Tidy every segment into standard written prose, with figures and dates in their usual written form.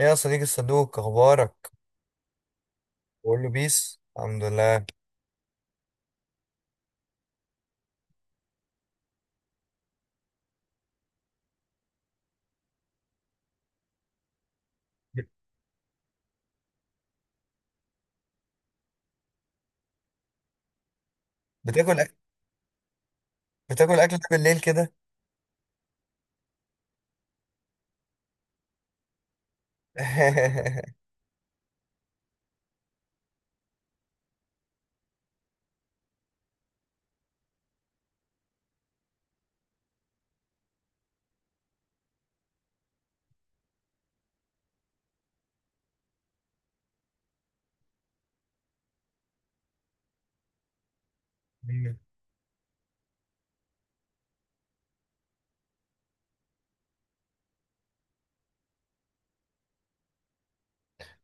ايه يا صديقي الصدوق، اخبارك؟ بقول له بيس، الحمد لله. بتاكل أك... بتاكل اكل بالليل كده؟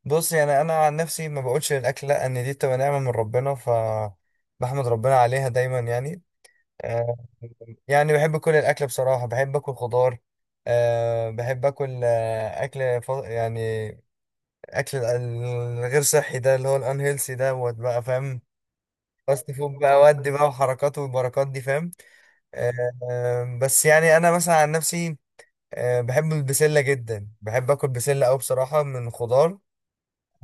بص، يعني انا عن نفسي ما بقولش الاكل، لا ان دي بتبقى نعمه من ربنا، ف بحمد ربنا عليها دايما يعني. آه، يعني بحب كل الاكل بصراحه، بحب اكل خضار. بحب اكل اكل يعني اكل ال- الغير صحي ده اللي هو الانهيلسي ده بقى، فاهم؟ فاست فود بقى ودي بقى وحركات والبركات دي، فاهم؟ بس يعني انا مثلا عن نفسي، بحب البسله جدا، بحب اكل بسله قوي بصراحه من الخضار.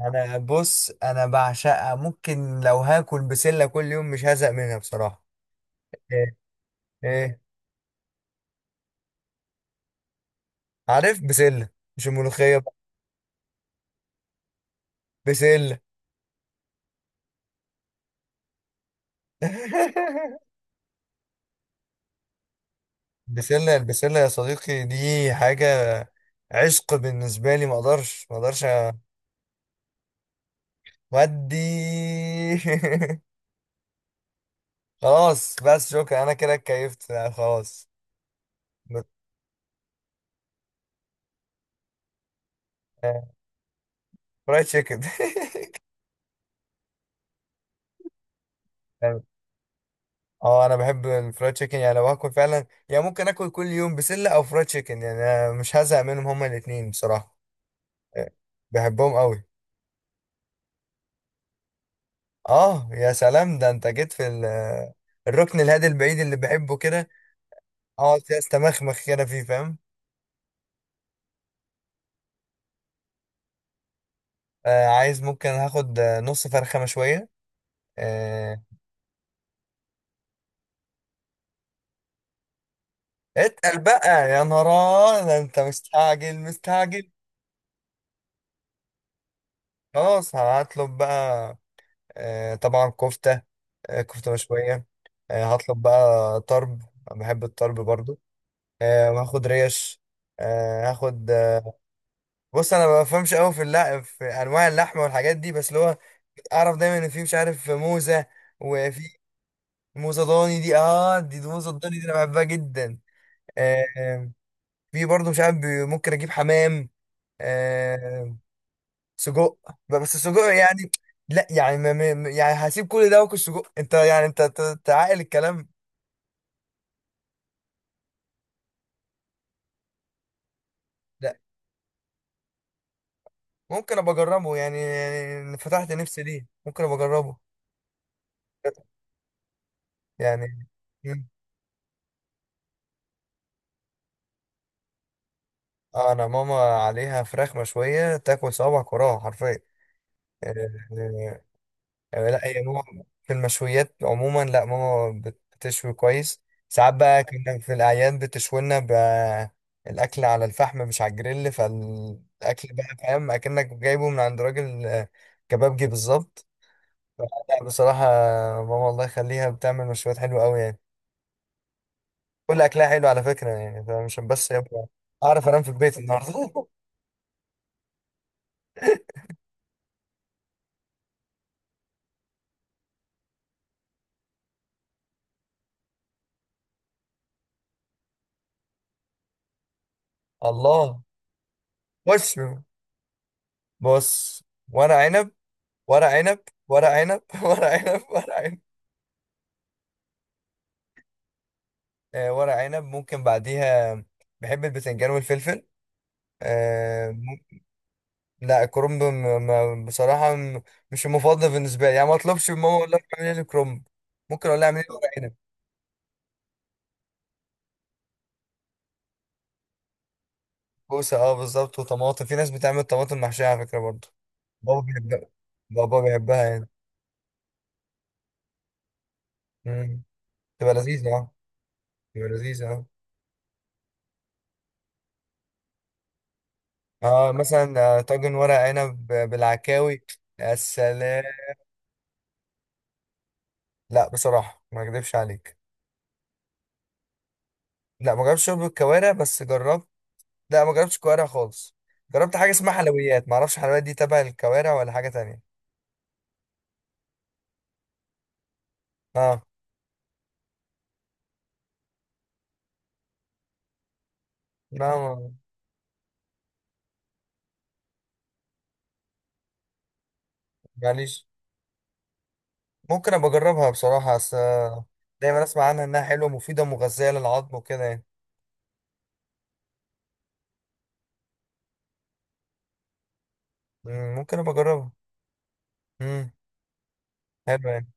انا، بص، انا بعشقها، ممكن لو هاكل بسله كل يوم مش هزهق منها بصراحه. ايه. إيه؟ عارف، بسله. مش الملوخيه بقى. بسله. بسله، البسله يا صديقي دي حاجه عشق بالنسبه لي، ما اقدرش ما اقدرش. ودي. خلاص بس شكرا، انا كده اتكيفت، لا. خلاص. فرايد تشيكن. يعني. اه انا بحب الفرايد تشيكن يعني، لو هاكل فعلا يعني ممكن اكل كل يوم بسله او فرايد تشيكن، يعني أنا مش هزهق منهم هما الاثنين بصراحه. آه، بحبهم قوي. اه يا سلام، ده انت جيت في الركن الهادي البعيد اللي بحبه كده، اقعد فيه استمخمخ كده فيه، فاهم؟ عايز، ممكن هاخد نص فرخه مشويه. آه اتقل بقى يا نهار، ده انت مستعجل مستعجل. خلاص هطلب بقى. طبعا كفتة. كفتة مشوية. هطلب بقى طرب. أنا بحب الطرب برضو. وهاخد ريش. هاخد بص انا ما بفهمش قوي في اللحم، في انواع اللحمه والحاجات دي، بس اللي هو اعرف دايما ان في، مش عارف، موزه، وفي موزه ضاني، دي اه دي موزه الضاني دي انا بحبها جدا. آه، آه، في برضو، مش عارف ممكن اجيب حمام. آه، سجق بقى، بس سجق يعني. لا يعني يعني هسيب كل ده واكل سجق؟ انت يعني انت تعقل الكلام. لا ممكن ابقى اجربه، يعني فتحت نفسي ليه، ممكن ابقى اجربه. يعني. مم. انا ماما عليها فراخ مشويه تاكل صوابعك وراها حرفيا. آه، آه، يعني لا، هي ماما في المشويات عموما، لا ماما بتشوي كويس. ساعات بقى كنا في الأعياد، بتشوي لنا الأكل على الفحم مش على الجريل، فالأكل بقى فاهم أكنك جايبه من عند راجل كبابجي بالظبط. فلا بصراحة ماما الله يخليها بتعمل مشويات حلوة أوي يعني. كل أكلها حلو على فكرة، يعني فمش بس يبقى أعرف أنام في البيت النهاردة. الله. وش. بص. ورق عنب. ورق عنب. ورق عنب، ورق عنب، ورق عنب. ورق عنب ممكن بعديها. بحب البتنجان والفلفل. آه، مم- لا الكرنب بصراحة مش المفضل بالنسبة لي، يعني ما اطلبش من ماما اقول لها اعملي لي كرنب. ممكن اقول لها اعملي لي ورق عنب. كوسة اه بالظبط، وطماطم، في ناس بتعمل طماطم محشية على فكرة برضه. بابا بيحبها، بابا بيحبها يعني. مم. تبقى لذيذة اه. تبقى لذيذة اه. اه مثلا طاجن ورق عنب بالعكاوي. يا سلام. لا بصراحة ما اكذبش عليك. لا ما جربتش شرب الكوارع، بس جربت. لا ما جربتش كوارع خالص. جربت حاجه اسمها، لا، حلويات، ما اعرفش حلويات دي تبع الكوارع ولا حاجه تانية. اه لا معليش، ممكن ابقى اجربها بصراحه، بس دايما اسمع عنها انها حلوه ومفيده ومغذيه للعظم وكده يعني. ممكن ابقى اجربها. امم. حلو يعني.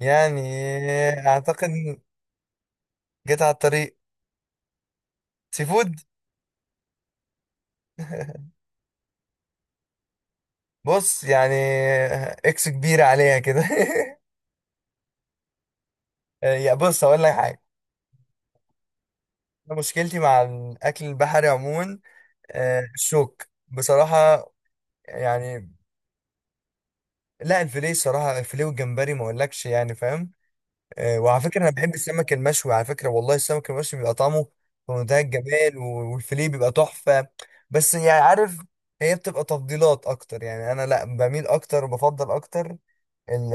يعني اعتقد إن جيت على الطريق، سي فود. بص يعني، اكس كبيره عليها كده. يا بص هقول لك حاجه. مشكلتي مع الاكل البحري عموما الشوك بصراحة، يعني. لا الفيليه صراحة، الفيليه والجمبري ما اقولكش يعني، فاهم؟ وعلى فكرة انا بحب السمك المشوي على فكرة، والله السمك المشوي بيبقى طعمه في منتهى الجمال، والفيليه بيبقى تحفة. بس يعني عارف، هي بتبقى تفضيلات اكتر يعني، انا لا بميل اكتر وبفضل اكتر ال-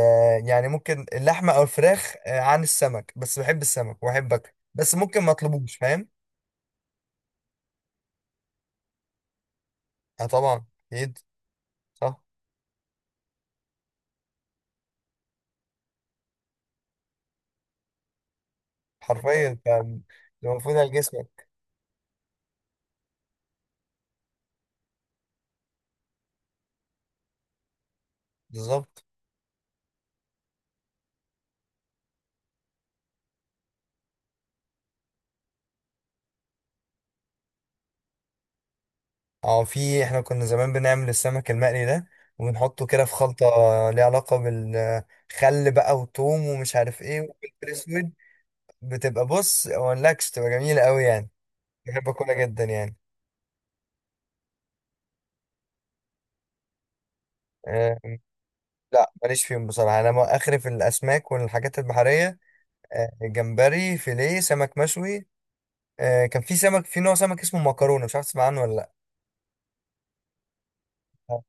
يعني ممكن اللحمة او الفراخ عن السمك، بس بحب السمك واحبك، بس ممكن ما اطلبوش، فاهم؟ اه طبعا. اكيد. صح. حرفيا انت المفروض على جسمك. بالظبط. اه في، احنا كنا زمان بنعمل السمك المقلي ده، وبنحطه كده في خلطة ليها علاقة بالخل بقى، وتوم ومش عارف ايه وفلفل اسود. بتبقى، بص مقولكش تبقى جميلة قوي يعني. بحب اكلها جدا يعني. أه. لا ماليش فيهم بصراحة، انا اخري في الاسماك والحاجات البحرية. أه جمبري، فيليه، سمك مشوي. أه كان في سمك، في نوع سمك اسمه مكرونة، مش عارف تسمع عنه ولا لأ.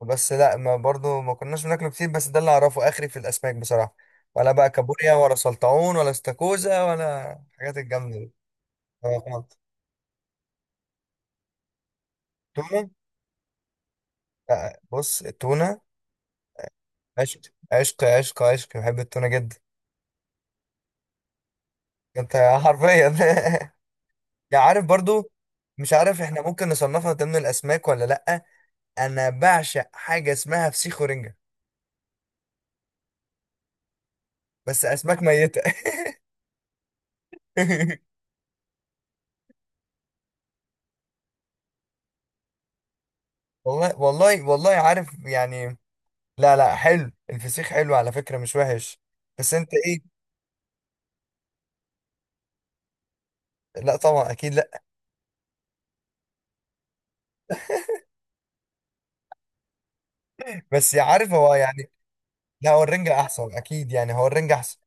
بس لا، ما برضو ما كناش بناكله كتير، بس ده اللي اعرفه اخري في الاسماك بصراحه. ولا بقى كابوريا ولا سلطعون ولا استاكوزا ولا الحاجات الجامده دي. اه خالص. تونه. لا، بص التونه عشق، عشق، عشق، عشق، بحب التونه جدا. انت حرفيا. يعني عارف برضو، مش عارف احنا ممكن نصنفها ضمن الاسماك ولا لا. انا بعشق حاجه اسمها فسيخ ورنجه. بس اسماك ميته. والله والله والله عارف يعني. لا لا، حلو الفسيخ، حلو على فكرة مش وحش. بس انت ايه. لا طبعا اكيد لا. بس عارف هو يعني، لا هو الرنجة احسن اكيد، يعني هو الرنجة احسن.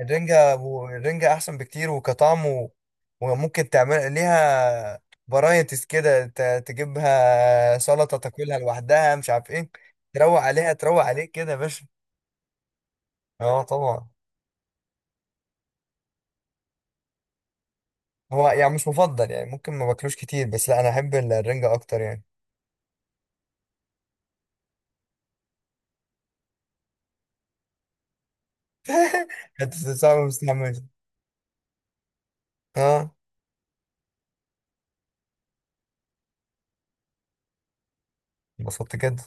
الرنجة، الرنجة احسن بكتير، وكطعم وممكن تعمل ليها فرايتيز كده، تجيبها سلطة، تاكلها لوحدها، مش عارف ايه. تروق عليها تروق عليك كده يا باشا. اه طبعا، هو يعني مش مفضل يعني، ممكن ما باكلوش كتير، بس لا انا احب الرنجة اكتر يعني. انت صعب مستعمل. اه انبسطت جدا.